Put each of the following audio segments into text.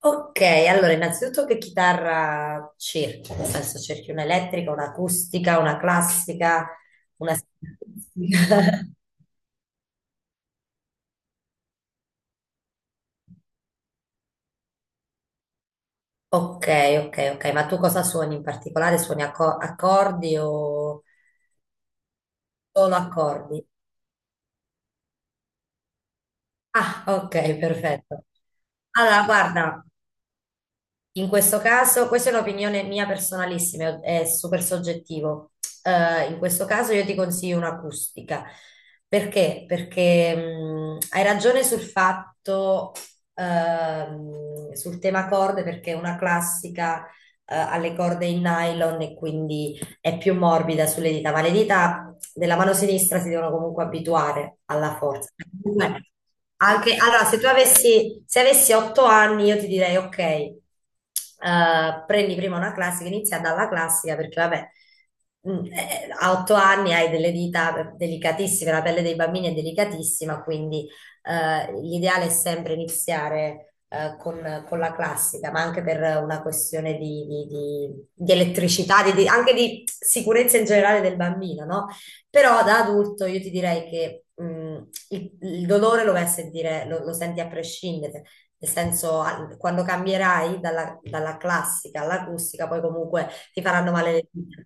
Ok, allora innanzitutto che chitarra cerchi? Nel senso cerchi un'elettrica, un'acustica, una classica, una... Ok, ok, ok, ma tu cosa suoni in particolare? Suoni accordi o solo accordi? Ah, ok, perfetto. Allora, guarda, in questo caso, questa è un'opinione mia personalissima, è super soggettivo. In questo caso io ti consiglio un'acustica. Perché? Perché hai ragione sul fatto, sul tema corde, perché è una classica, alle corde in nylon e quindi è più morbida sulle dita, ma le dita della mano sinistra si devono comunque abituare alla forza. Comunque, anche, allora, se avessi 8 anni, io ti direi, ok, prendi prima una classica, inizia dalla classica, perché vabbè, a 8 anni hai delle dita delicatissime, la pelle dei bambini è delicatissima, quindi l'ideale è sempre iniziare con la classica, ma anche per una questione di, di elettricità, anche di sicurezza in generale del bambino, no? Però da adulto io ti direi che il dolore lo vai a sentire, lo senti a prescindere, nel senso quando cambierai dalla, dalla classica all'acustica, poi comunque ti faranno male le dita.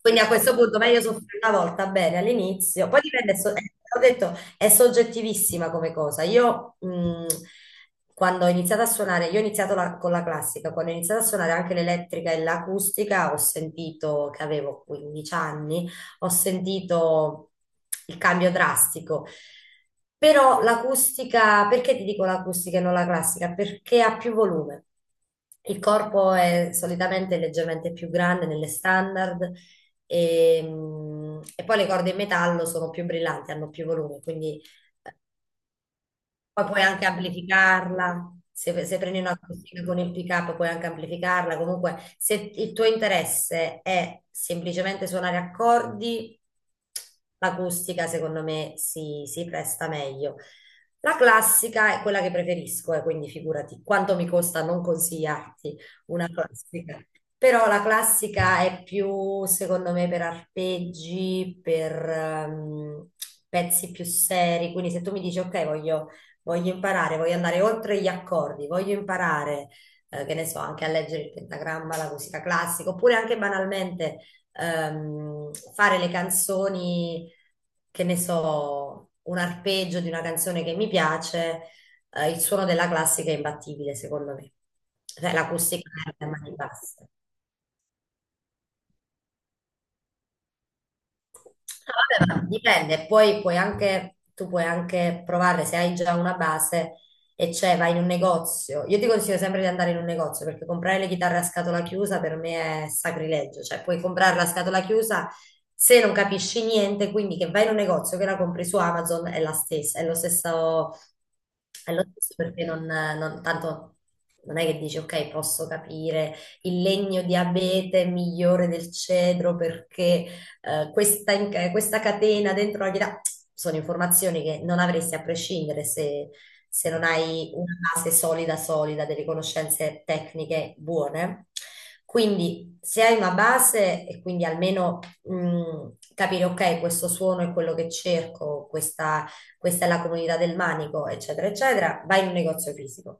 Quindi a questo punto meglio soffrire una volta bene all'inizio, poi dipende, ho detto, è soggettivissima come cosa. Io Quando ho iniziato a suonare, io ho iniziato con la classica, quando ho iniziato a suonare anche l'elettrica e l'acustica ho sentito che avevo 15 anni, ho sentito il cambio drastico. Però l'acustica, perché ti dico l'acustica e non la classica? Perché ha più volume. Il corpo è solitamente leggermente più grande nelle standard e, e poi le corde in metallo sono più brillanti, hanno più volume, quindi poi puoi anche amplificarla, se prendi una acustica con il pick-up puoi anche amplificarla, comunque se il tuo interesse è semplicemente suonare accordi, l'acustica secondo me si presta meglio. La classica è quella che preferisco, e quindi figurati quanto mi costa non consigliarti una classica. Però la classica è più, secondo me, per arpeggi, per pezzi più seri. Quindi se tu mi dici, ok, voglio imparare, voglio andare oltre gli accordi, voglio imparare, che ne so, anche a leggere il pentagramma, la musica classica, oppure anche banalmente fare le canzoni, che ne so, un arpeggio di una canzone che mi piace, il suono della classica è imbattibile, secondo me. Cioè, l'acustica è a mani basse. Ah, vabbè, ma dipende, poi puoi anche, tu puoi anche provare se hai già una base e cioè vai in un negozio. Io ti consiglio sempre di andare in un negozio perché comprare le chitarre a scatola chiusa per me è sacrilegio, cioè puoi comprarla a scatola chiusa se non capisci niente, quindi che vai in un negozio che la compri su Amazon è la stessa, è lo stesso perché tanto non è che dici ok, posso capire il legno di abete è migliore del cedro perché questa, questa catena dentro la chitarra, sono informazioni che non avresti a prescindere se, non hai una base solida, solida, delle conoscenze tecniche buone. Quindi se hai una base e quindi almeno capire, ok, questo suono è quello che cerco, questa è la comunità del manico, eccetera, eccetera, vai in un negozio fisico.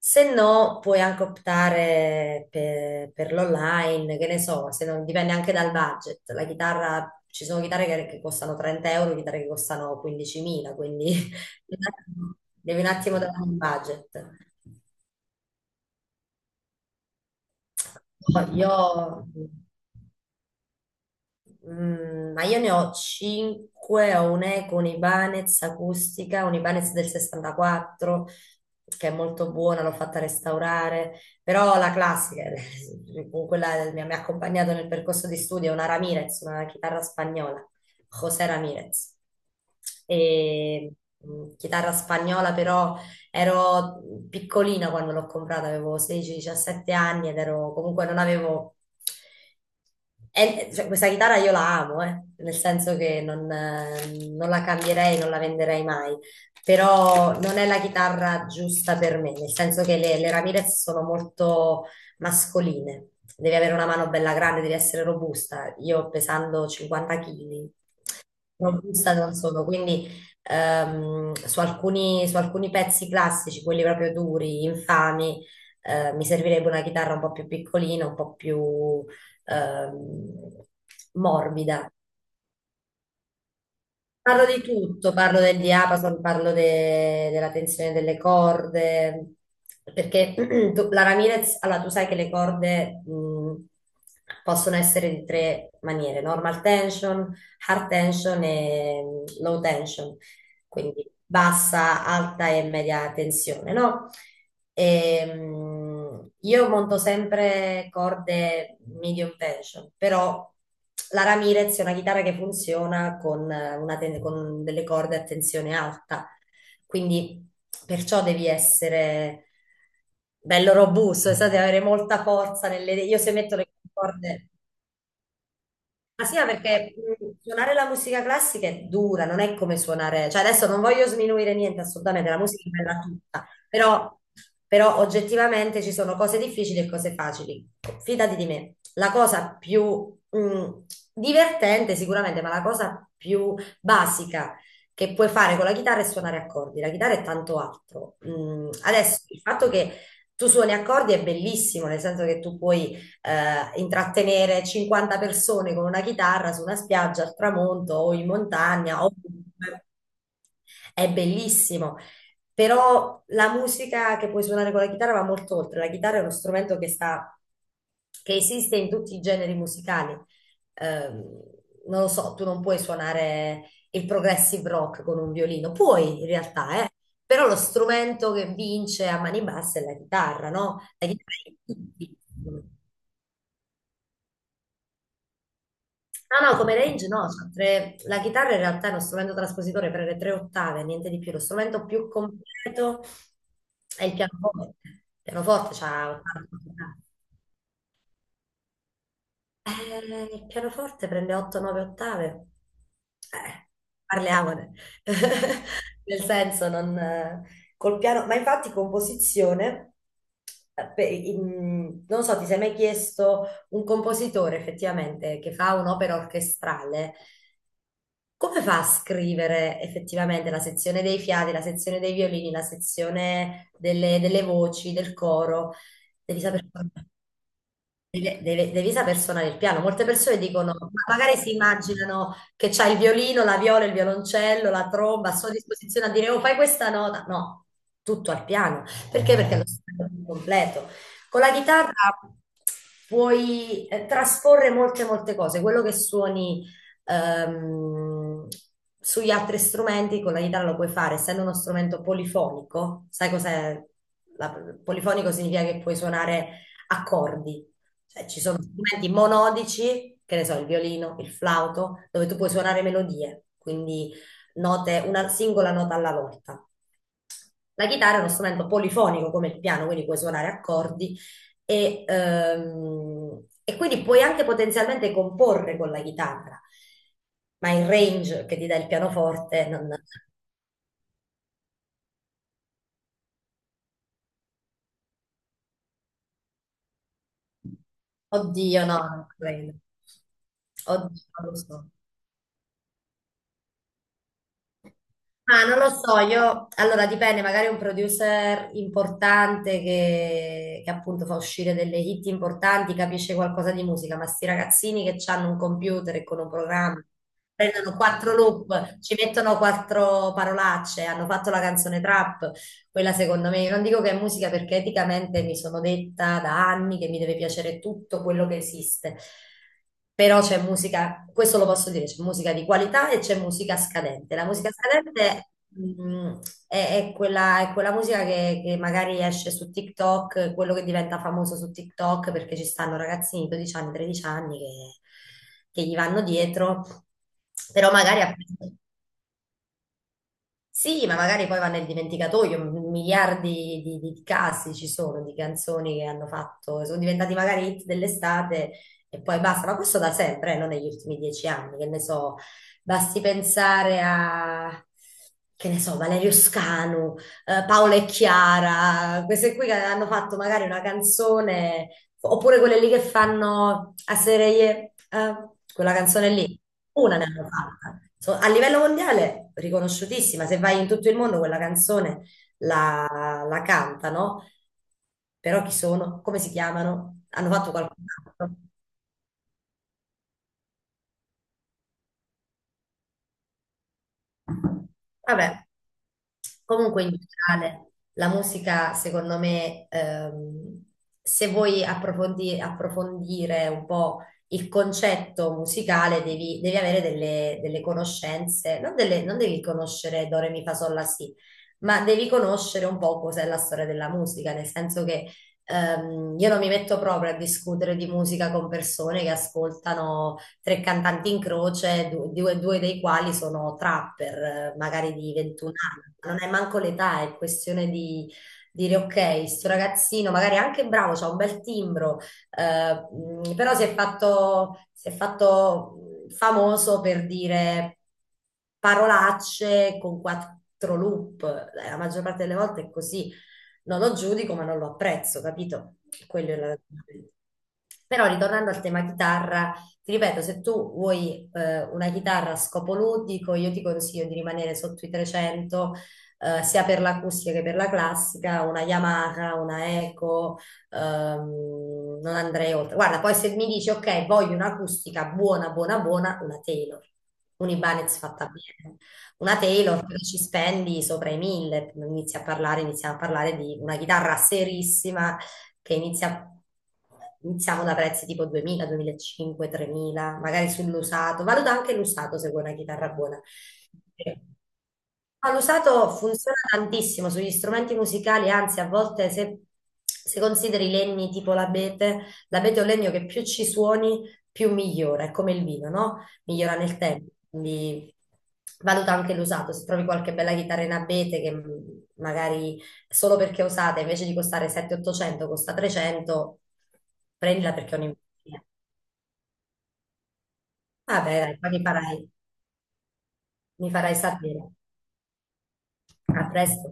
Se no, puoi anche optare per, l'online, che ne so, se non, dipende anche dal budget. La chitarra, ci sono chitarre che, costano 30 euro, chitarre che costano 15.000, quindi devi un attimo dare un budget. Poi Io ma io ne ho 5, ho un'eco, un'Ibanez acustica, un'Ibanez del 64, che è molto buona, l'ho fatta restaurare, però la classica, con quella mi ha accompagnato nel percorso di studio, è una Ramirez, una chitarra spagnola, José Ramirez. E, chitarra spagnola però ero piccolina quando l'ho comprata, avevo 16-17 anni ed ero comunque non avevo... E, cioè, questa chitarra io la amo, nel senso che non, non la cambierei, non la venderei mai, però non è la chitarra giusta per me, nel senso che le, Ramirez sono molto mascoline, devi avere una mano bella grande, devi essere robusta. Io pesando 50 kg, non vista non sono, quindi su alcuni, pezzi classici, quelli proprio duri, infami, mi servirebbe una chitarra un po' più piccolina, un po' più ehm, morbida. Parlo di tutto, parlo del diapason, parlo della tensione delle corde, perché la Ramirez, allora tu sai che le corde possono essere di tre maniere, normal tension, hard tension e low tension, quindi bassa, alta e media tensione, no? Io monto sempre corde medium tension, però la Ramirez è una chitarra che funziona con, una con delle corde a tensione alta, quindi perciò devi essere bello robusto, cioè, devi avere molta forza nelle... Io se metto le corde... Ma sì, ma perché suonare la musica classica è dura, non è come suonare, cioè adesso non voglio sminuire niente assolutamente, la musica è bella tutta, però, oggettivamente ci sono cose difficili e cose facili. Fidati di me, la cosa più divertente sicuramente, ma la cosa più basica che puoi fare con la chitarra è suonare accordi, la chitarra è tanto altro. Adesso il fatto che tu suoni accordi è bellissimo, nel senso che tu puoi intrattenere 50 persone con una chitarra su una spiaggia al tramonto o in montagna o è bellissimo. Però la musica che puoi suonare con la chitarra va molto oltre. La chitarra è uno strumento che sta, che esiste in tutti i generi musicali. Ehm, Non lo so, tu non puoi suonare il progressive rock con un violino. Puoi in realtà, eh. Però lo strumento che vince a mani basse è la chitarra, no? La chitarra è No, no, come range no, la chitarra in realtà è uno strumento traspositore per le tre ottave, niente di più. Lo strumento più completo è il pianoforte. Il pianoforte c'ha ottave. Il pianoforte prende 8-9 ottave. Eh, parliamone. Nel senso, non, col piano, ma infatti composizione, non so, ti sei mai chiesto un compositore effettivamente che fa un'opera orchestrale? Come fa a scrivere effettivamente la sezione dei fiati, la sezione dei violini, la sezione delle, voci, del coro? Devi saper fare. Devi, devi saper suonare il piano. Molte persone dicono, ma magari si immaginano che c'hai il violino, la viola, il violoncello, la tromba, sono a sua disposizione a dire, oh, fai questa nota. No, tutto al piano. Perché? Perché è lo strumento più completo. Con la chitarra puoi trasporre molte, molte cose. Quello che suoni ehm, sugli altri strumenti, con la chitarra lo puoi fare, essendo uno strumento polifonico. Sai cos'è? La- Polifonico significa che puoi suonare accordi. Cioè, ci sono strumenti monodici, che ne so, il violino, il flauto, dove tu puoi suonare melodie, quindi note, una singola nota alla volta. La chitarra è uno strumento polifonico come il piano, quindi puoi suonare accordi e quindi puoi anche potenzialmente comporre con la chitarra, ma il range che ti dà il pianoforte, non... Oddio, no, non credo. Oddio, non lo so. Ah, non lo so, io allora dipende, magari un producer importante che, appunto fa uscire delle hit importanti, capisce qualcosa di musica, ma sti ragazzini che hanno un computer e con un programma prendono quattro loop, ci mettono quattro parolacce, hanno fatto la canzone trap, quella secondo me, io non dico che è musica perché eticamente mi sono detta da anni che mi deve piacere tutto quello che esiste, però c'è musica, questo lo posso dire, c'è musica di qualità e c'è musica scadente. La musica scadente mm, è quella, musica che, magari esce su TikTok, quello che diventa famoso su TikTok perché ci stanno ragazzini di 12 anni, 13 anni che, gli vanno dietro, però magari... preso sì, ma magari poi va nel dimenticatoio, miliardi di, di casi ci sono di canzoni che hanno fatto, sono diventati magari hit dell'estate e poi basta, ma questo da sempre, non negli ultimi 10 anni, che ne so, basti pensare a, che ne so, Valerio Scanu, Paola e Chiara, queste qui che hanno fatto magari una canzone, oppure quelle lì che fanno a serie, quella canzone lì. Una ne hanno fatta. A livello mondiale, riconosciutissima. Se vai in tutto il mondo, quella canzone la cantano. Però chi sono? Come si chiamano? Hanno fatto qualcos'altro? Vabbè, comunque in generale la musica secondo me, se vuoi approfondire un po' il concetto musicale devi, avere delle, conoscenze, non, non devi conoscere Do, Re, Mi, Fa, Sol, La, Si, ma devi conoscere un po' cos'è la storia della musica, nel senso che io non mi metto proprio a discutere di musica con persone che ascoltano tre cantanti in croce, due dei quali sono trapper, magari di 21 anni. Non è manco l'età, è questione di dire ok, sto ragazzino magari è anche bravo, c'ha un bel timbro, però si è fatto famoso per dire parolacce con quattro loop. La maggior parte delle volte è così, non lo giudico, ma non lo apprezzo, capito? Quello è la ragione. Però ritornando al tema chitarra, ti ripeto, se tu vuoi una chitarra a scopo ludico, io ti consiglio di rimanere sotto i 300, sia per l'acustica che per la classica, una Yamaha, una Eco, non andrei oltre. Guarda, poi se mi dici, ok, voglio un'acustica buona, buona, buona, una Taylor, un Ibanez fatta bene. Una Taylor però ci spendi sopra i 1000, inizi a parlare, iniziamo a parlare di una chitarra serissima che inizia, iniziamo da prezzi tipo 2000, 2500, 3000, magari sull'usato. Valuta anche l'usato se vuoi una chitarra buona. Ma l'usato funziona tantissimo sugli strumenti musicali, anzi a volte se, consideri i legni tipo l'abete, l'abete è un legno che più ci suoni più migliora, è come il vino, no? Migliora nel tempo, quindi valuta anche l'usato, se trovi qualche bella chitarra in abete che magari solo perché è usata invece di costare 700-800 costa 300, prendila perché è un'investimento. Vabbè, dai, poi mi farai sapere. A presto.